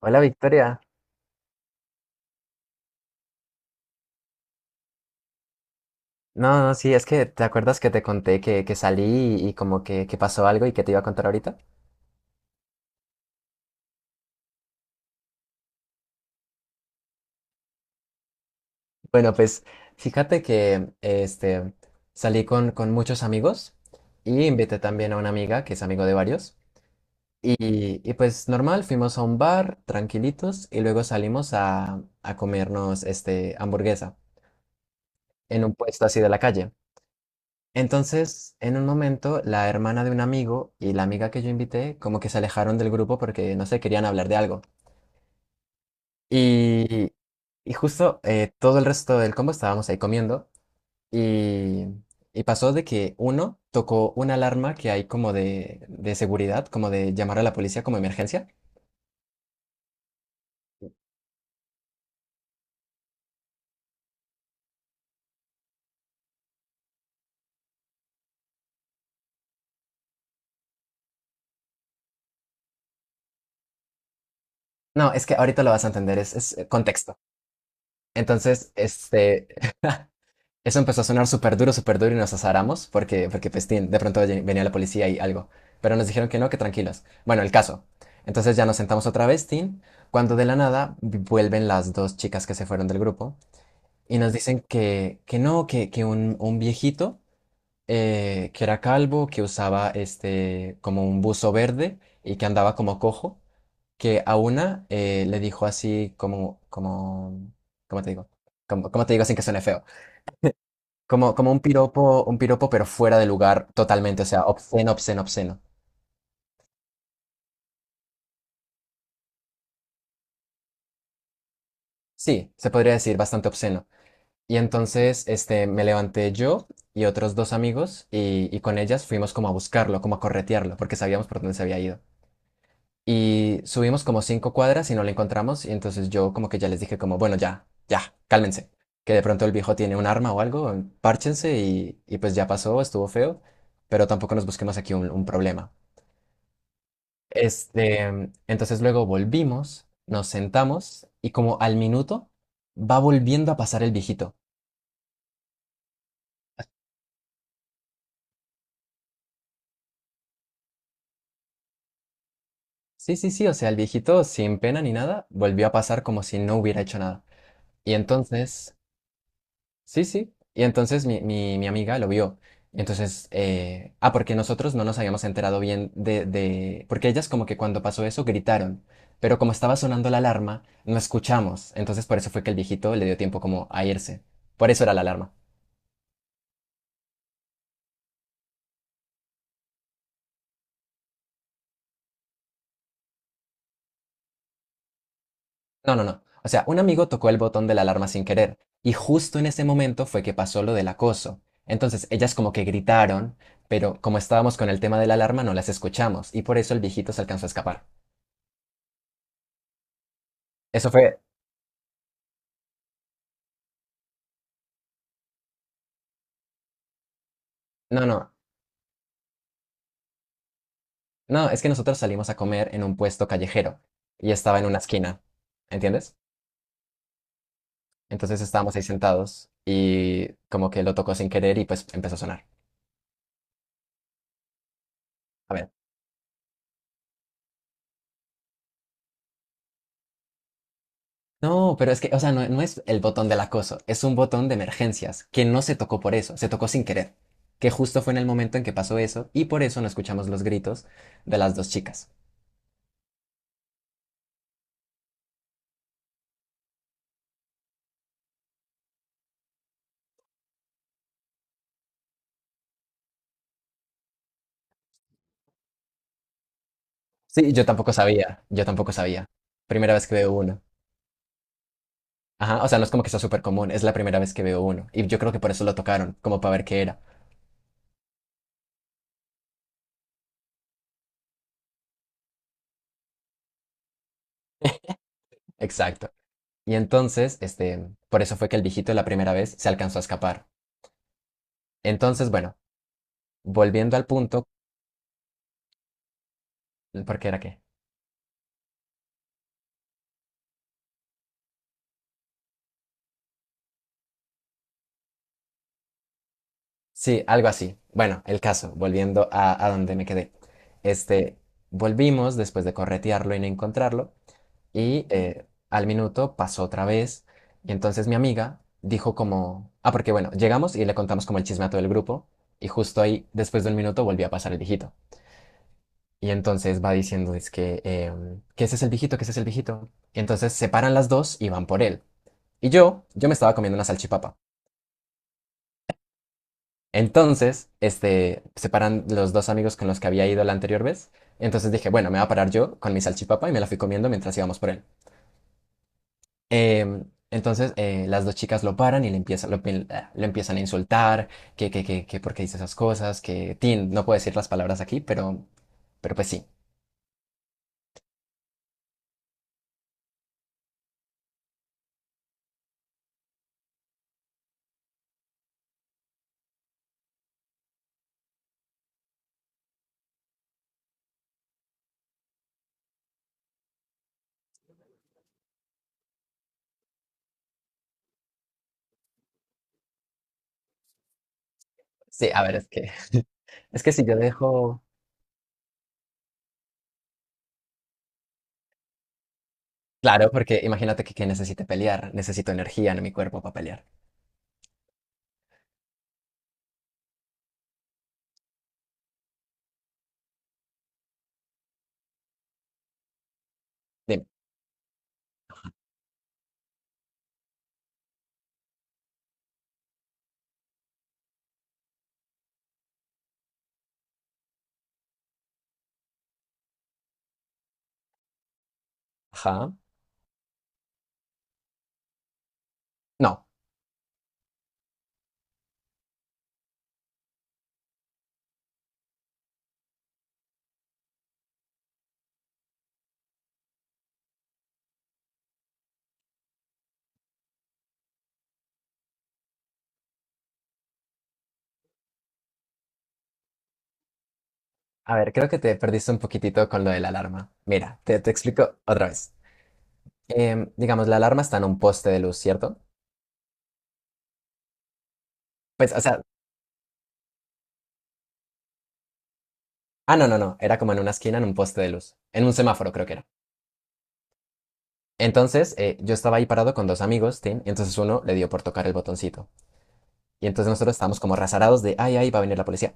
Hola Victoria. No, no, sí, es que te acuerdas que te conté que salí y como que pasó algo y que te iba a contar ahorita. Bueno, pues fíjate que salí con muchos amigos y invité también a una amiga que es amigo de varios. Y pues normal, fuimos a un bar tranquilitos y luego salimos a comernos hamburguesa en un puesto así de la calle. Entonces, en un momento, la hermana de un amigo y la amiga que yo invité como que se alejaron del grupo porque, no sé, querían hablar de algo. Y, y justo todo el resto del combo estábamos ahí comiendo y, y pasó de que uno tocó una alarma que hay como de seguridad, como de llamar a la policía como emergencia. No, es que ahorita lo vas a entender, es, contexto. Entonces, eso empezó a sonar súper duro y nos azaramos porque pues, tin, de pronto venía la policía y algo. Pero nos dijeron que no, que tranquilos. Bueno, el caso. Entonces ya nos sentamos otra vez, Tin, cuando de la nada vuelven las dos chicas que se fueron del grupo y nos dicen que no, que un viejito que era calvo, que usaba como un buzo verde y que andaba como cojo, que a una le dijo así como, ¿cómo te digo? Como, ¿cómo te digo sin que suene feo? Como un piropo, pero fuera de lugar totalmente, o sea, obsceno, obsceno, obsceno. Sí, se podría decir bastante obsceno. Y entonces, me levanté yo y otros dos amigos y con ellas fuimos como a buscarlo, como a corretearlo, porque sabíamos por dónde se había ido. Y subimos como cinco cuadras y no lo encontramos y entonces yo como que ya les dije como, bueno, ya, ya, cálmense, que de pronto el viejo tiene un arma o algo, párchense y pues ya pasó, estuvo feo, pero tampoco nos busquemos aquí un problema. Este, entonces luego volvimos, nos sentamos y como al minuto va volviendo a pasar el viejito. Sí, sí, sí, o sea, el viejito sin pena ni nada volvió a pasar como si no hubiera hecho nada. Y entonces, sí, sí, y entonces mi amiga lo vio. Y entonces, ah, porque nosotros no nos habíamos enterado bien porque ellas como que cuando pasó eso gritaron, pero como estaba sonando la alarma, no escuchamos. Entonces por eso fue que el viejito le dio tiempo como a irse. Por eso era la alarma. No, no, no. O sea, un amigo tocó el botón de la alarma sin querer y justo en ese momento fue que pasó lo del acoso. Entonces, ellas como que gritaron, pero como estábamos con el tema de la alarma no las escuchamos y por eso el viejito se alcanzó a escapar. Eso fue. No, no, no, es que nosotros salimos a comer en un puesto callejero y estaba en una esquina, ¿entiendes? Entonces estábamos ahí sentados y como que lo tocó sin querer y pues empezó a sonar. A ver. No, pero es que, o sea, no, no es el botón del acoso, es un botón de emergencias que no se tocó por eso, se tocó sin querer, que justo fue en el momento en que pasó eso y por eso no escuchamos los gritos de las dos chicas. Sí, yo tampoco sabía, yo tampoco sabía. Primera vez que veo uno. Ajá, o sea, no es como que sea súper común, es la primera vez que veo uno y yo creo que por eso lo tocaron, como para ver qué era. Exacto. Y entonces, por eso fue que el viejito la primera vez se alcanzó a escapar. Entonces, bueno, volviendo al punto, ¿por qué era qué? Sí, algo así. Bueno, el caso, volviendo a donde me quedé. Este, volvimos después de corretearlo y no encontrarlo, y al minuto pasó otra vez, y entonces mi amiga dijo como, ah, porque bueno, llegamos y le contamos como el chisme a todo el grupo, y justo ahí, después de un minuto, volvió a pasar el viejito. Y entonces va diciendo, es que, que ese es el viejito, que ese es el viejito. Y entonces se paran las dos y van por él. Y yo me estaba comiendo una salchipapa. Entonces, se paran los dos amigos con los que había ido la anterior vez. Entonces dije, bueno, me va a parar yo con mi salchipapa y me la fui comiendo mientras íbamos por él. Em, entonces, las dos chicas lo paran y le empiezan, lo, ah, lo empiezan a insultar, que por qué dice esas cosas, que, Tin, no puedo decir las palabras aquí, pero pues sí. Sí, a ver, es que si yo dejo. Claro, porque imagínate que necesite pelear, necesito energía en mi cuerpo para pelear. Ajá. No. A ver, creo que te perdiste un poquitito con lo de la alarma. Mira, te explico otra vez. Digamos, la alarma está en un poste de luz, ¿cierto? Pues, o sea, ah, no, no, no. Era como en una esquina, en un poste de luz. En un semáforo, creo que era. Entonces, yo estaba ahí parado con dos amigos, Tim, y entonces uno le dio por tocar el botoncito. Y entonces nosotros estábamos como rasarados de, ay, ay, va a venir la policía.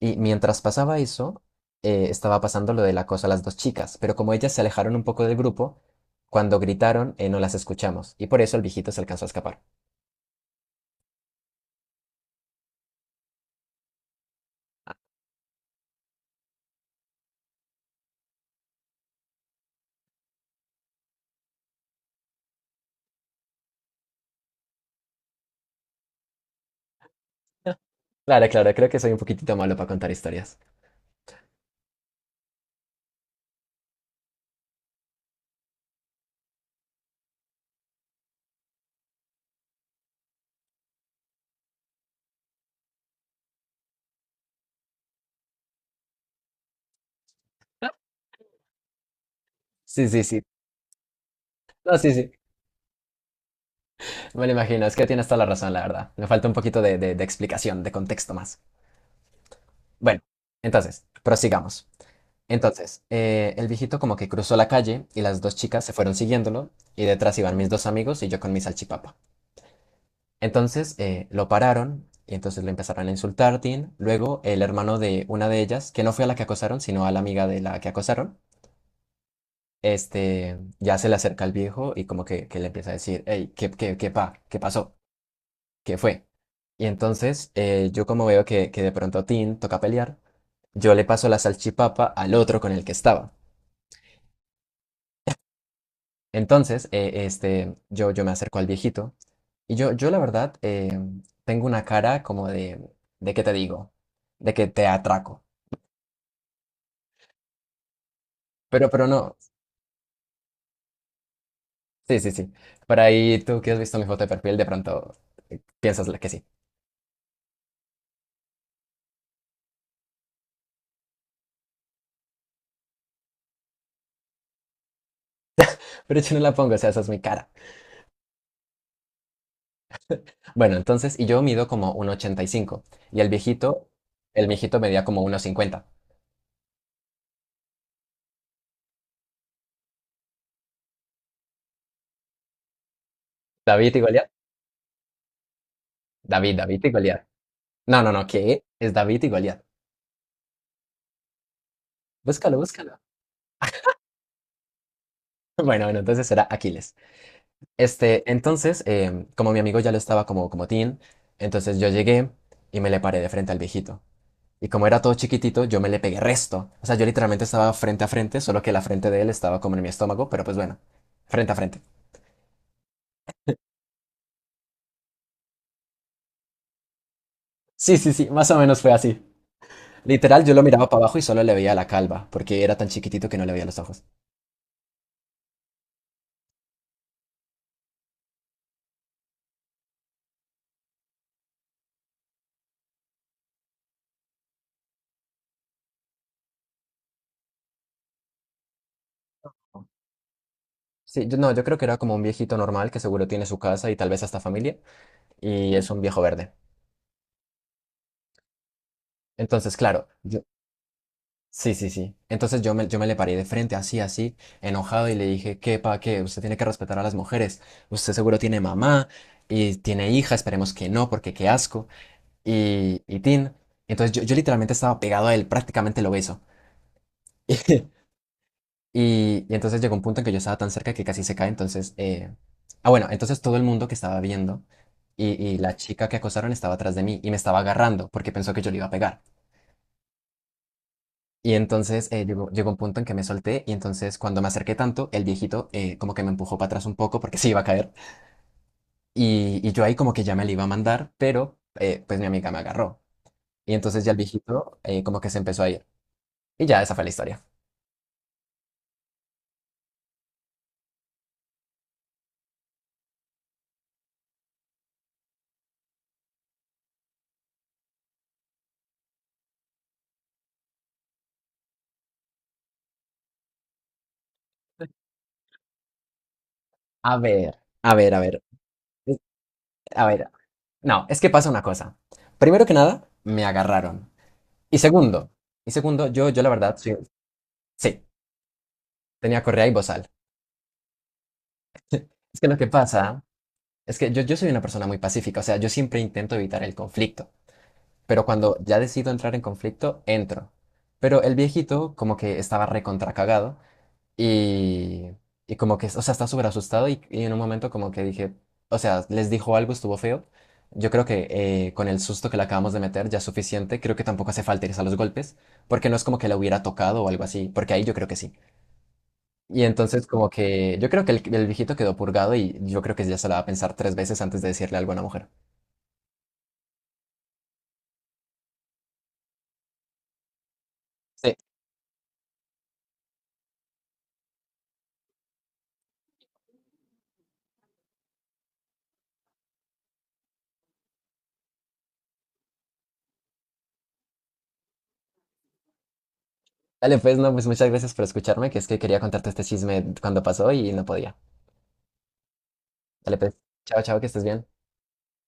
Y mientras pasaba eso, estaba pasando lo del acoso a las dos chicas, pero como ellas se alejaron un poco del grupo, cuando gritaron, no las escuchamos, y por eso el viejito se alcanzó a escapar. Claro, claro, creo que soy un poquitito malo para contar historias. Sí, sí, sí. No, sí, sí. Me lo imagino, es que tienes toda la razón, la verdad. Me falta un poquito de explicación, de contexto más. Bueno, entonces, prosigamos. Entonces, el viejito como que cruzó la calle y las dos chicas se fueron siguiéndolo y detrás iban mis dos amigos y yo con mi salchipapa. Entonces, lo pararon y entonces le empezaron a insultar, Tin. Luego, el hermano de una de ellas, que no fue a la que acosaron, sino a la amiga de la que acosaron, ya se le acerca al viejo y como que le empieza a decir, hey, ¿qué pasó? ¿Qué fue? Y entonces yo como veo que de pronto Tin toca pelear, yo le paso la salchipapa al otro con el que estaba. Entonces, yo me acerco al viejito y yo la verdad tengo una cara como ¿de qué te digo? De que te atraco. Pero no, sí, sí, sí. Por ahí tú que has visto mi foto de perfil, de pronto piensas que sí. Pero yo no la pongo, o sea, esa es mi cara. Bueno, entonces, y yo mido como 1,85 y cinco y el viejito medía como 1,50. David y Goliat. David y Goliat. No, no, no, ¿qué? Es David y Goliat. Búscalo, búscalo. Bueno, bueno, entonces era Aquiles. Entonces, como mi amigo ya lo estaba como teen, entonces yo llegué y me le paré de frente al viejito. Y como era todo chiquitito, yo me le pegué resto. O sea, yo literalmente estaba frente a frente, solo que la frente de él estaba como en mi estómago, pero pues bueno, frente a frente. Sí, sí, sí, más o menos fue así. Literal, yo lo miraba para abajo y solo le veía la calva, porque era tan chiquitito que no le veía los ojos. Sí, yo, no, yo creo que era como un viejito normal que seguro tiene su casa y tal vez hasta familia, y es un viejo verde. Entonces, claro, yo, sí, sí, sí. Entonces yo me le paré de frente, así, así, enojado, y le dije, ¿Qué? Usted tiene que respetar a las mujeres. Usted seguro tiene mamá y tiene hija, esperemos que no, porque qué asco. Y tin. Entonces yo literalmente estaba pegado a él, prácticamente lo beso. Y entonces llegó un punto en que yo estaba tan cerca que casi se cae. Entonces, ah, bueno, entonces todo el mundo que estaba viendo y la chica que acosaron estaba atrás de mí y me estaba agarrando porque pensó que yo le iba a pegar. Y entonces llegó un punto en que me solté y entonces cuando me acerqué tanto, el viejito como que me empujó para atrás un poco porque se iba a caer. Y yo ahí como que ya me le iba a mandar, pero pues mi amiga me agarró. Y entonces ya el viejito como que se empezó a ir. Y ya esa fue la historia. A ver, a ver, a ver. es- A ver, No, es que pasa una cosa. Primero que nada, me agarraron. Y segundo, y segundo, yo la verdad, sí, sí, tenía correa y bozal. Es que lo que pasa es que yo soy una persona muy pacífica, o sea, yo siempre intento evitar el conflicto, pero cuando ya decido entrar en conflicto, entro. Pero el viejito como que estaba recontracagado. Y, y como que, o sea, está súper asustado y en un momento como que dije, o sea, les dijo algo, estuvo feo. Yo creo que con el susto que le acabamos de meter ya es suficiente. Creo que tampoco hace falta irse a los golpes, porque no es como que la hubiera tocado o algo así, porque ahí yo creo que sí. Y entonces como que yo creo que el viejito quedó purgado y yo creo que ya se la va a pensar tres veces antes de decirle algo a una mujer. Sí. Dale, pues, no, pues muchas gracias por escucharme, que es que quería contarte este chisme cuando pasó y no podía. Dale, pues, chao, chao, que estés bien.